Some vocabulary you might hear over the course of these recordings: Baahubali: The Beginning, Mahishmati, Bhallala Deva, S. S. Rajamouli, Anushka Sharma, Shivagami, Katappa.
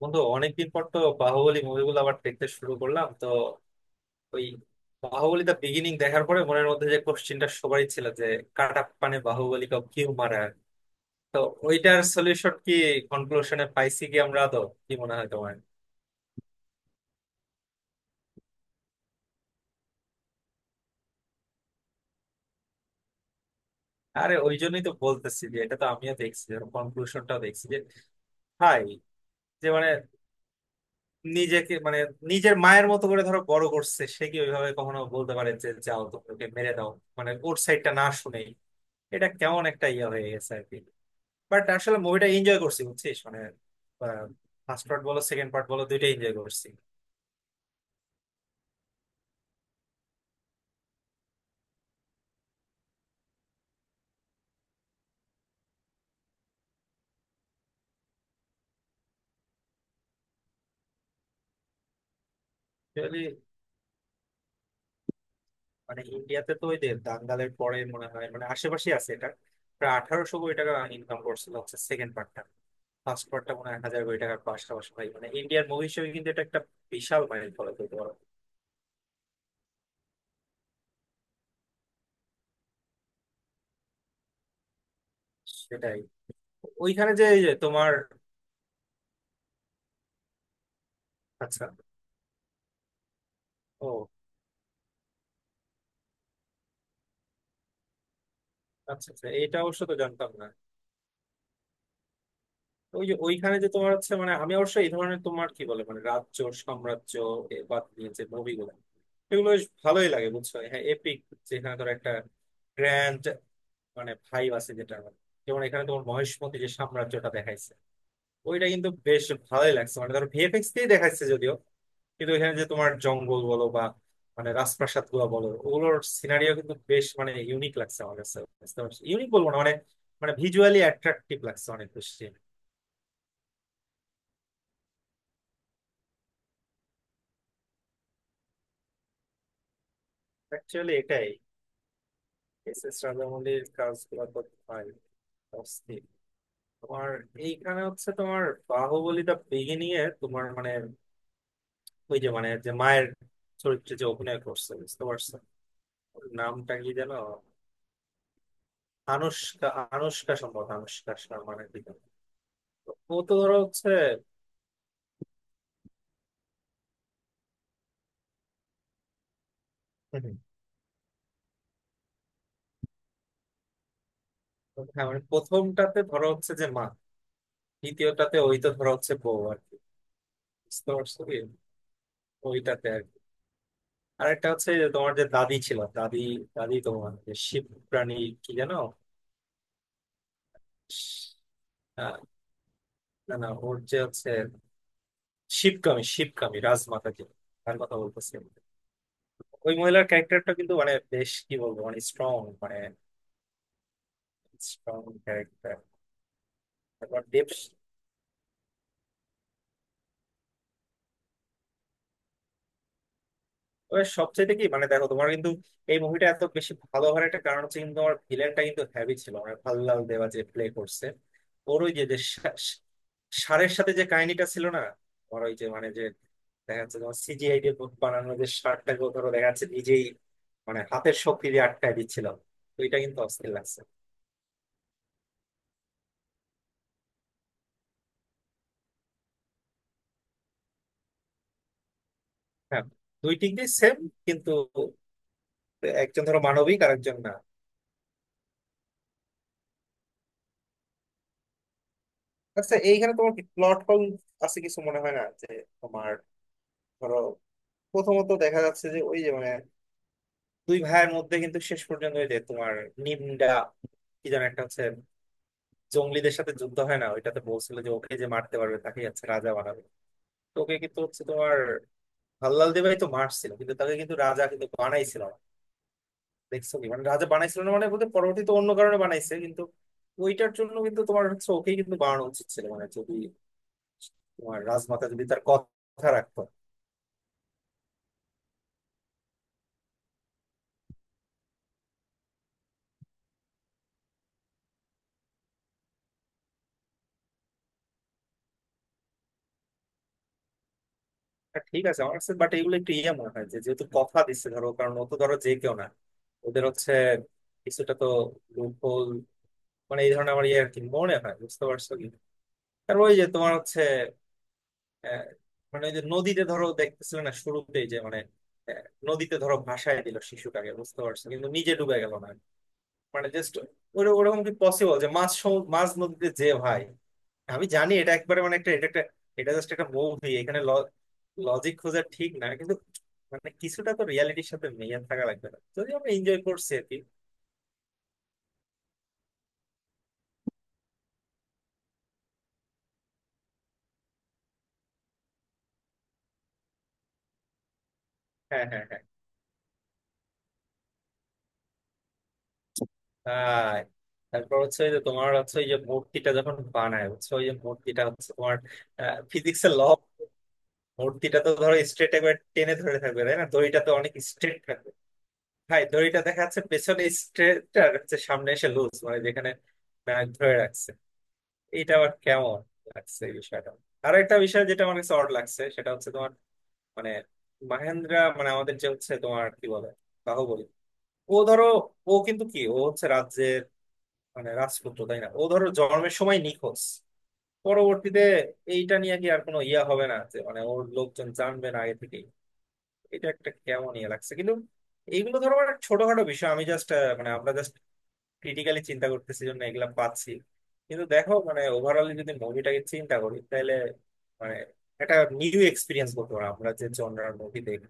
বন্ধু, অনেকদিন পর তো বাহুবলী মুভিগুলো আবার দেখতে শুরু করলাম তো ওই, বাহুবলী দা বিগিনিং দেখার পরে মনের মধ্যে যে কোশ্চিনটা সবারই ছিল যে কাটাপ্পানে বাহুবলী কাউ কিউ মারা। তো ওইটার সলিউশন কি কনক্লুশনে পাইছি কি আমরা? তো কি মনে হয় তোমার? আরে ওই জন্যই তো বলতেছি যে এটা তো আমিও দেখছি, কনক্লুশনটাও দেখছি যে ভাই, যে মানে নিজেকে মানে নিজের মায়ের মতো করে ধরো বড় করছে, সে কি ওইভাবে কখনো বলতে পারে যে যাও তোমাকে মেরে দাও? মানে ওর সাইডটা না শুনেই এটা কেমন একটা ইয়ে হয়ে গেছে আর কি। বাট আসলে মুভিটা এনজয় করছি, বুঝছিস মানে ফার্স্ট পার্ট বলো সেকেন্ড পার্ট বলো দুইটাই এনজয় করছি। Actually, মানে ইন্ডিয়াতে তো ওই যে দাঙ্গালের পরে মনে হয়, মানে আশেপাশে আছে এটা, প্রায় 1800 কোটি টাকা ইনকাম করছিল হচ্ছে সেকেন্ড পার্টটা। ফার্স্ট পার্টটা মনে হয় 1000 কোটি টাকার পাশাপাশি। ভাই মানে ইন্ডিয়ার মুভি হিসেবে কিন্তু এটা একটা বিশাল মাইল ফলক হতে পারো। সেটাই। ওইখানে যে এই যে তোমার আচ্ছা ও, আচ্ছা আচ্ছা, এটা অবশ্য তো জানতাম না। ওই যে ওইখানে যে তোমার হচ্ছে মানে আমি অবশ্য এই ধরনের তোমার কি বলে মানে রাজ্য, সাম্রাজ্য এ বা নিয়ে যে মুভিগুলো এগুলো বেশ ভালোই লাগে, বুঝছো। হ্যাঁ, এপিক, যেখানে ধর একটা গ্র্যান্ড মানে ভাইব আছে, যেটা মানে যেমন এখানে তোমার মহেশমতি যে সাম্রাজ্যটা দেখাইছে ওইটা কিন্তু বেশ ভালোই লাগছে। মানে ধর ভিএফএক্স দিয়ে দেখাইছে যদিও, কিন্তু এখানে যে তোমার জঙ্গল বলো বা মানে রাজপ্রাসাদ গুলো বলো, ওগুলোর সিনারিও কিন্তু বেশ মানে ইউনিক লাগছে আমার কাছে। ইউনিক বলবো না মানে, মানে ভিজুয়ালি অ্যাট্রাকটিভ লাগছে অনেক বেশি। অ্যাকচুয়ালি এটাই, এস এস রাজামৌলির কাজগুলো তো ভাই অস্থির। তোমার এইখানে হচ্ছে তোমার বাহুবলী দা বিগিনিং এ তোমার মানে ওই যে মানে যে মায়ের চরিত্রে যে অভিনয় করছে, বুঝতে পারছো? ওর নামটা কি যেন, আনুষ্কা, আনুষ্কা সম্ভবত আনুষ্কা শর্মা নাকি যেন। তো ও তো ধরো হচ্ছে হুম হুম। হ্যাঁ মানে প্রথমটাতে ধরো হচ্ছে যে মা, দ্বিতীয়টাতে ওই তো ধরো হচ্ছে বউ আর কি। বুঝতে পারছো কি? ওইটাতে আর কি আরেকটা হচ্ছে যে তোমার যে দাদি ছিল দাদি দাদি তোমার যে শিব প্রাণী কি যেন, আহ, না না, ওর যে হচ্ছে শিবকামী শিবকামী রাজমাতা, যে তার কথা বলতেছি আমি। ওই মহিলার ক্যারেক্টারটা কিন্তু মানে বেশ কি বলবো মানে স্ট্রং, মানে স্ট্রং ক্যারেক্টার। তারপর দেব, তবে সবচেয়ে কি মানে দেখো তোমার কিন্তু এই মুভিটা এত বেশি ভালো হওয়ার একটা কারণ হচ্ছে কিন্তু তোমার ভিলেনটা কিন্তু হেভি ছিল, মানে ভাল্লাল দেওয়া যে প্লে করছে। ওর ওই যে যে সা- সা- ষাঁড়ের সাথে যে কাহিনীটা ছিল না, তোমার ওই যে মানে যে দেখা যাচ্ছে তোমার সিজিআই দিয়ে বানানো যে ষাঁড়টাকে ও ধরো দেখা যাচ্ছে নিজেই মানে হাতের শক্তি দিয়ে আটকায় দিচ্ছিল, তো এটা কিন্তু অস্থির লাগছে। হ্যাঁ, দুই দিক দিয়ে সেম, কিন্তু একজন ধরো মানবিক আর একজন না। আচ্ছা, এইখানে তোমার প্লট হোল আছে কিছু মনে হয় না? যে তোমার ধরো প্রথমত দেখা যাচ্ছে যে ওই যে মানে দুই ভাইয়ের মধ্যে কিন্তু শেষ পর্যন্ত ওই যে তোমার নিমডা কি যেন একটা হচ্ছে জঙ্গলিদের সাথে যুদ্ধ হয় না, ওইটাতে বলছিল যে ওকে যে মারতে পারবে তাকে হচ্ছে রাজা বানাবে। তো ওকে কিন্তু হচ্ছে তোমার হাল্লাল দেবাই তো মারছিল, কিন্তু তাকে কিন্তু রাজা কিন্তু বানাইছিল না। দেখছো কি মানে রাজা বানাইছিল না মানে বলতে, পরবর্তীতে অন্য কারণে বানাইছে কিন্তু ওইটার জন্য কিন্তু তোমার হচ্ছে ওকেই কিন্তু বানানো উচিত ছিল, মানে যদি তোমার রাজমাতা যদি তার কথা রাখতো। হ্যাঁ, ঠিক আছে, আমার কাছে বাট এগুলো একটু ইয়ে মনে হয় যে যেহেতু কথা দিচ্ছে ধরো, কারণ ও তো ধরো যে কেউ না, ওদের হচ্ছে কিছুটা তো লুপ হোল, মানে এই ধরনের আমার ইয়ে আর কি মনে হয়, বুঝতে পারছো কি? আর ওই যে তোমার হচ্ছে আহ, মানে ওই যে নদীতে ধরো দেখতেছিলে না, শুরুতেই যে মানে আহ, নদীতে ধরো ভাসায় দিল শিশুটাকে, বুঝতে পারছো, কিন্তু নিজে ডুবে গেল না। মানে জাস্ট ওরকম কি পসিবল যে মাছ নদীতে যে ভাই। আমি জানি এটা একবারে মানে একটা, এটা একটা এটা জাস্ট একটা মুভি, এখানে লজিক খোঁজা ঠিক না, কিন্তু মানে কিছুটা তো রিয়ালিটির সাথে মিলিয়ে থাকা লাগবে না যদি আমরা এনজয় করছি আর কি। হ্যাঁ হ্যাঁ হ্যাঁ। আর তারপর হচ্ছে ওই যে তোমার হচ্ছে ওই যে মূর্তিটা যখন বানায়, হচ্ছে ওই যে মূর্তিটা হচ্ছে তোমার ফিজিক্সের ল, মূর্তিটা তো ধরো স্ট্রেট একবার টেনে ধরে থাকবে তাই না, দড়িটা তো অনেক স্ট্রেট থাকবে। ভাই দড়িটা দেখা যাচ্ছে পেছনে স্ট্রেট আর হচ্ছে সামনে এসে লুজ, মানে যেখানে নাক ধরে রাখছে। এটা আবার কেমন লাগছে এই বিষয়টা। আর একটা বিষয় যেটা আমার কাছে অড লাগছে সেটা হচ্ছে তোমার মানে মাহেন্দ্রা, মানে আমাদের যে হচ্ছে তোমার কি বলে বাহুবলী, ও ধরো ও কিন্তু কি ও হচ্ছে রাজ্যের মানে রাজপুত্র তাই না, ও ধরো জন্মের সময় নিখোঁজ। পরবর্তীতে এইটা নিয়ে কি আর কোনো ইয়া হবে না যে মানে ওর লোকজন জানবে না আগে থেকেই? এটা একটা কেমন ইয়ে লাগছে কিন্তু। এইগুলো ধরো মানে ছোটখাটো বিষয়, আমি জাস্ট মানে আমরা ক্রিটিক্যালি চিন্তা করতেছি জন্য এগুলা পাচ্ছি, কিন্তু দেখো মানে ওভারঅলি যদি মুভিটাকে চিন্তা করি তাহলে মানে একটা নিউ এক্সপিরিয়েন্স বলতে পারো। আমরা যে জনরার মুভি দেখি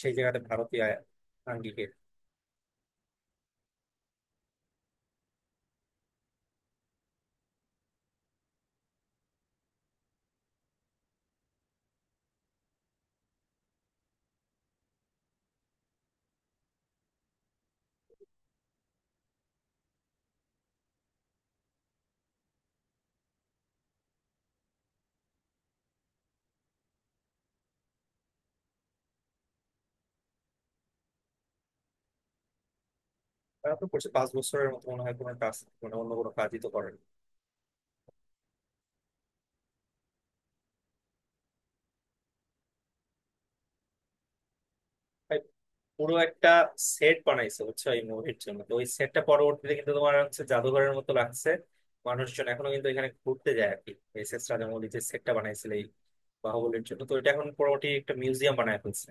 সেই জায়গাতে ভারতীয় আঙ্গিকে। তারা তো করছে 5 বছরের মতো মনে হয় কোনো কাজ, মানে অন্য কোনো কাজই তো করেন। তাই, পুরো একটা সেট বানাইছে, বুঝছো, এই মুভির জন্য। তো ওই সেটটা পরবর্তীতে কিন্তু তোমার হচ্ছে জাদুঘরের মতো লাগছে, মানুষজন এখনো কিন্তু এখানে ঘুরতে যায় আর কি। এস এস রাজামৌলি যে সেটটা বানাইছিল এই বাহুবলীর জন্য, তো এটা এখন মোটামুটি একটা মিউজিয়াম বানায় ফেলছে,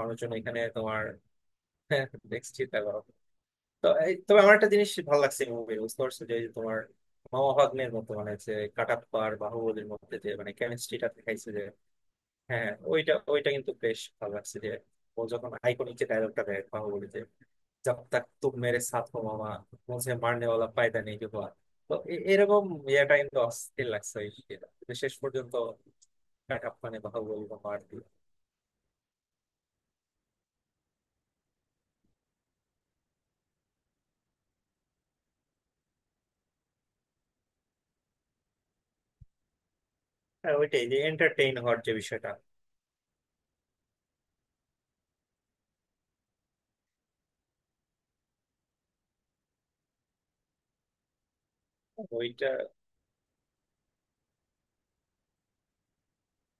মানুষজন এখানে তোমার নেক্সট চিন্তা করো। তো এই তবে আমার একটা জিনিস ভালো লাগছে মুভি, বুঝতে পারছো, যে এই যে তোমার মামা ভাগ্নের মতো মানে যে কাটাপ্পা আর বাহুবলীর মধ্যে যে মানে কেমিস্ট্রিটা দেখাইছে যে, হ্যাঁ হ্যাঁ, ওইটা ওইটা কিন্তু বেশ ভালো লাগছে। যে ও যখন আইকনিক যে ডায়লগটা দেয় বাহুবলীতে, "জব তক তুম মেরে সাথ হো মামা, মুঝে মারনে ওয়ালা পায়দা নেই হুয়া।" তো এরকম ইয়েটা কিন্তু অস্থির লাগছে ওই ইয়েটা। তো শেষ পর্যন্ত কাটাপ্পানে বাহুবলী মার দিল। হ্যাঁ ওইটাই, যে এন্টারটেইন হওয়ার যে বিষয়টা। ওইটা।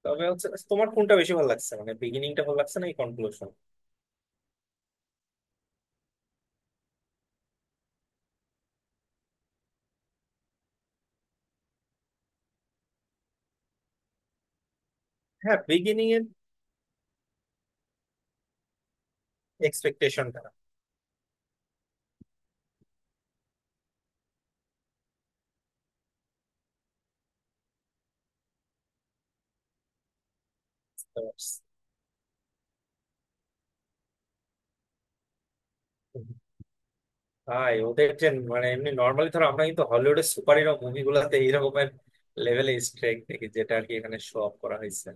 তবে হচ্ছে তোমার কোনটা বেশি ভালো লাগছে মানে বিগিনিংটা ভালো লাগছে না এই কনক্লুশন? হ্যাঁ বিগিনিং এর এক্সপেকটেশনটা। ভাই ওদের যে মানে এমনি নর্মালি ধরো আমরা কিন্তু হলিউডের সুপার হিরো মুভিগুলোতে এইরকমের লেভেলে স্ট্রেক দেখি, যেটা আর কি এখানে শো অফ করা হয়েছে।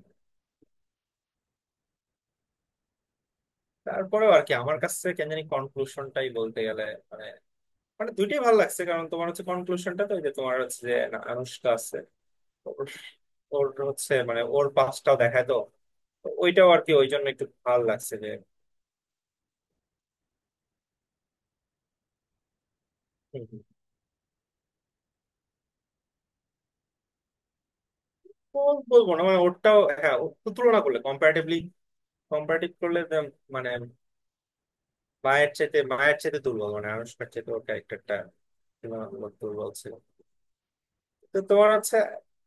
তারপরেও আর কি আমার কাছে কেন জানি কনক্লুশনটাই বলতে গেলে মানে, মানে দুইটাই ভালো লাগছে, কারণ তোমার হচ্ছে কনক্লুশনটা তো ওই যে তোমার হচ্ছে যে না, আনুশকা আছে ওর, ওর হচ্ছে মানে ওর পাশটাও দেখায় তো, তো ওইটাও আর কি ওই জন্য একটু ভালো লাগছে যে, হুম, হুম। বলবো না মানে ওরটাও, হ্যাঁ ওর তো তুলনা করলে কম্পারেটিভলি, কম্পারেটিভ করলে যে মানে মায়ের চাইতে দুর্বল, মানে আনুষ্কার চাইতে ওর ক্যারেক্টারটা তুলনামূলক দুর্বল ছিল। তো তোমার হচ্ছে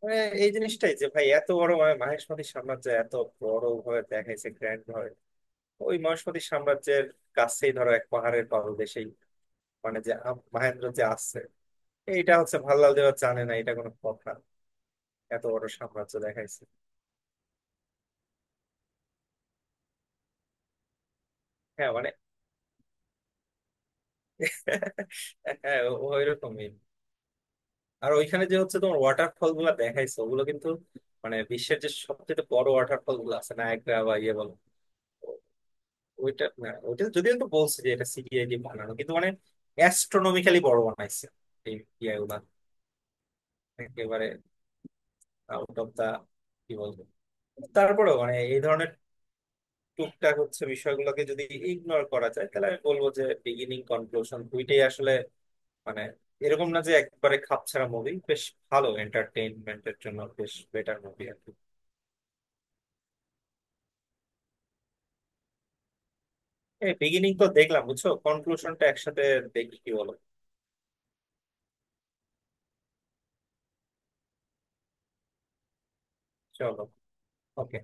মানে এই জিনিসটাই যে ভাই এত বড় মানে মহেশমতি সাম্রাজ্য এত বড় ভাবে দেখাইছে গ্র্যান্ড ভাবে, ওই মহেশমতি সাম্রাজ্যের কাছেই ধরো এক পাহাড়ের পাদদেশেই মানে যে মহেন্দ্র যে আসছে, এইটা হচ্ছে ভাল্লাল দেওয়া জানে না, এটা কোনো কথা? এত বড় সাম্রাজ্য দেখাইছে। হ্যাঁ মানে হ্যাঁ, ওই রকমই। আর ওইখানে যে হচ্ছে তোমার ওয়াটারফল গুলা দেখাইছে ওগুলো কিন্তু মানে বিশ্বের যে সবচেয়ে বড় ওয়াটারফল গুলো আছে নায়াগ্রা বা ইয়ে বলো, ও- ওইটা না, ওইটা যদিও তো বলছে যে এটা সিজিআই দিয়ে বানানো, কিন্তু মানে অ্যাস্ট্রোনমিক্যালি বড় বানাইছে এই ইয়ে গুলা, একেবারে আউট অফ দা কি বলবো। তারপরেও মানে এই ধরনের টুকটাক হচ্ছে বিষয়গুলোকে যদি ইগনোর করা যায় তাহলে আমি বলবো যে বিগিনিং কনক্লুশন দুইটাই আসলে মানে এরকম না যে একবারে খাপছাড়া মুভি, বেশ ভালো এন্টারটেইনমেন্টের জন্য বেশ বেটার মুভি আর কি। এই বিগিনিং তো দেখলাম, বুঝছো, কনক্লুশনটা একসাথে দেখি, কি বলো? চলো, ওকে।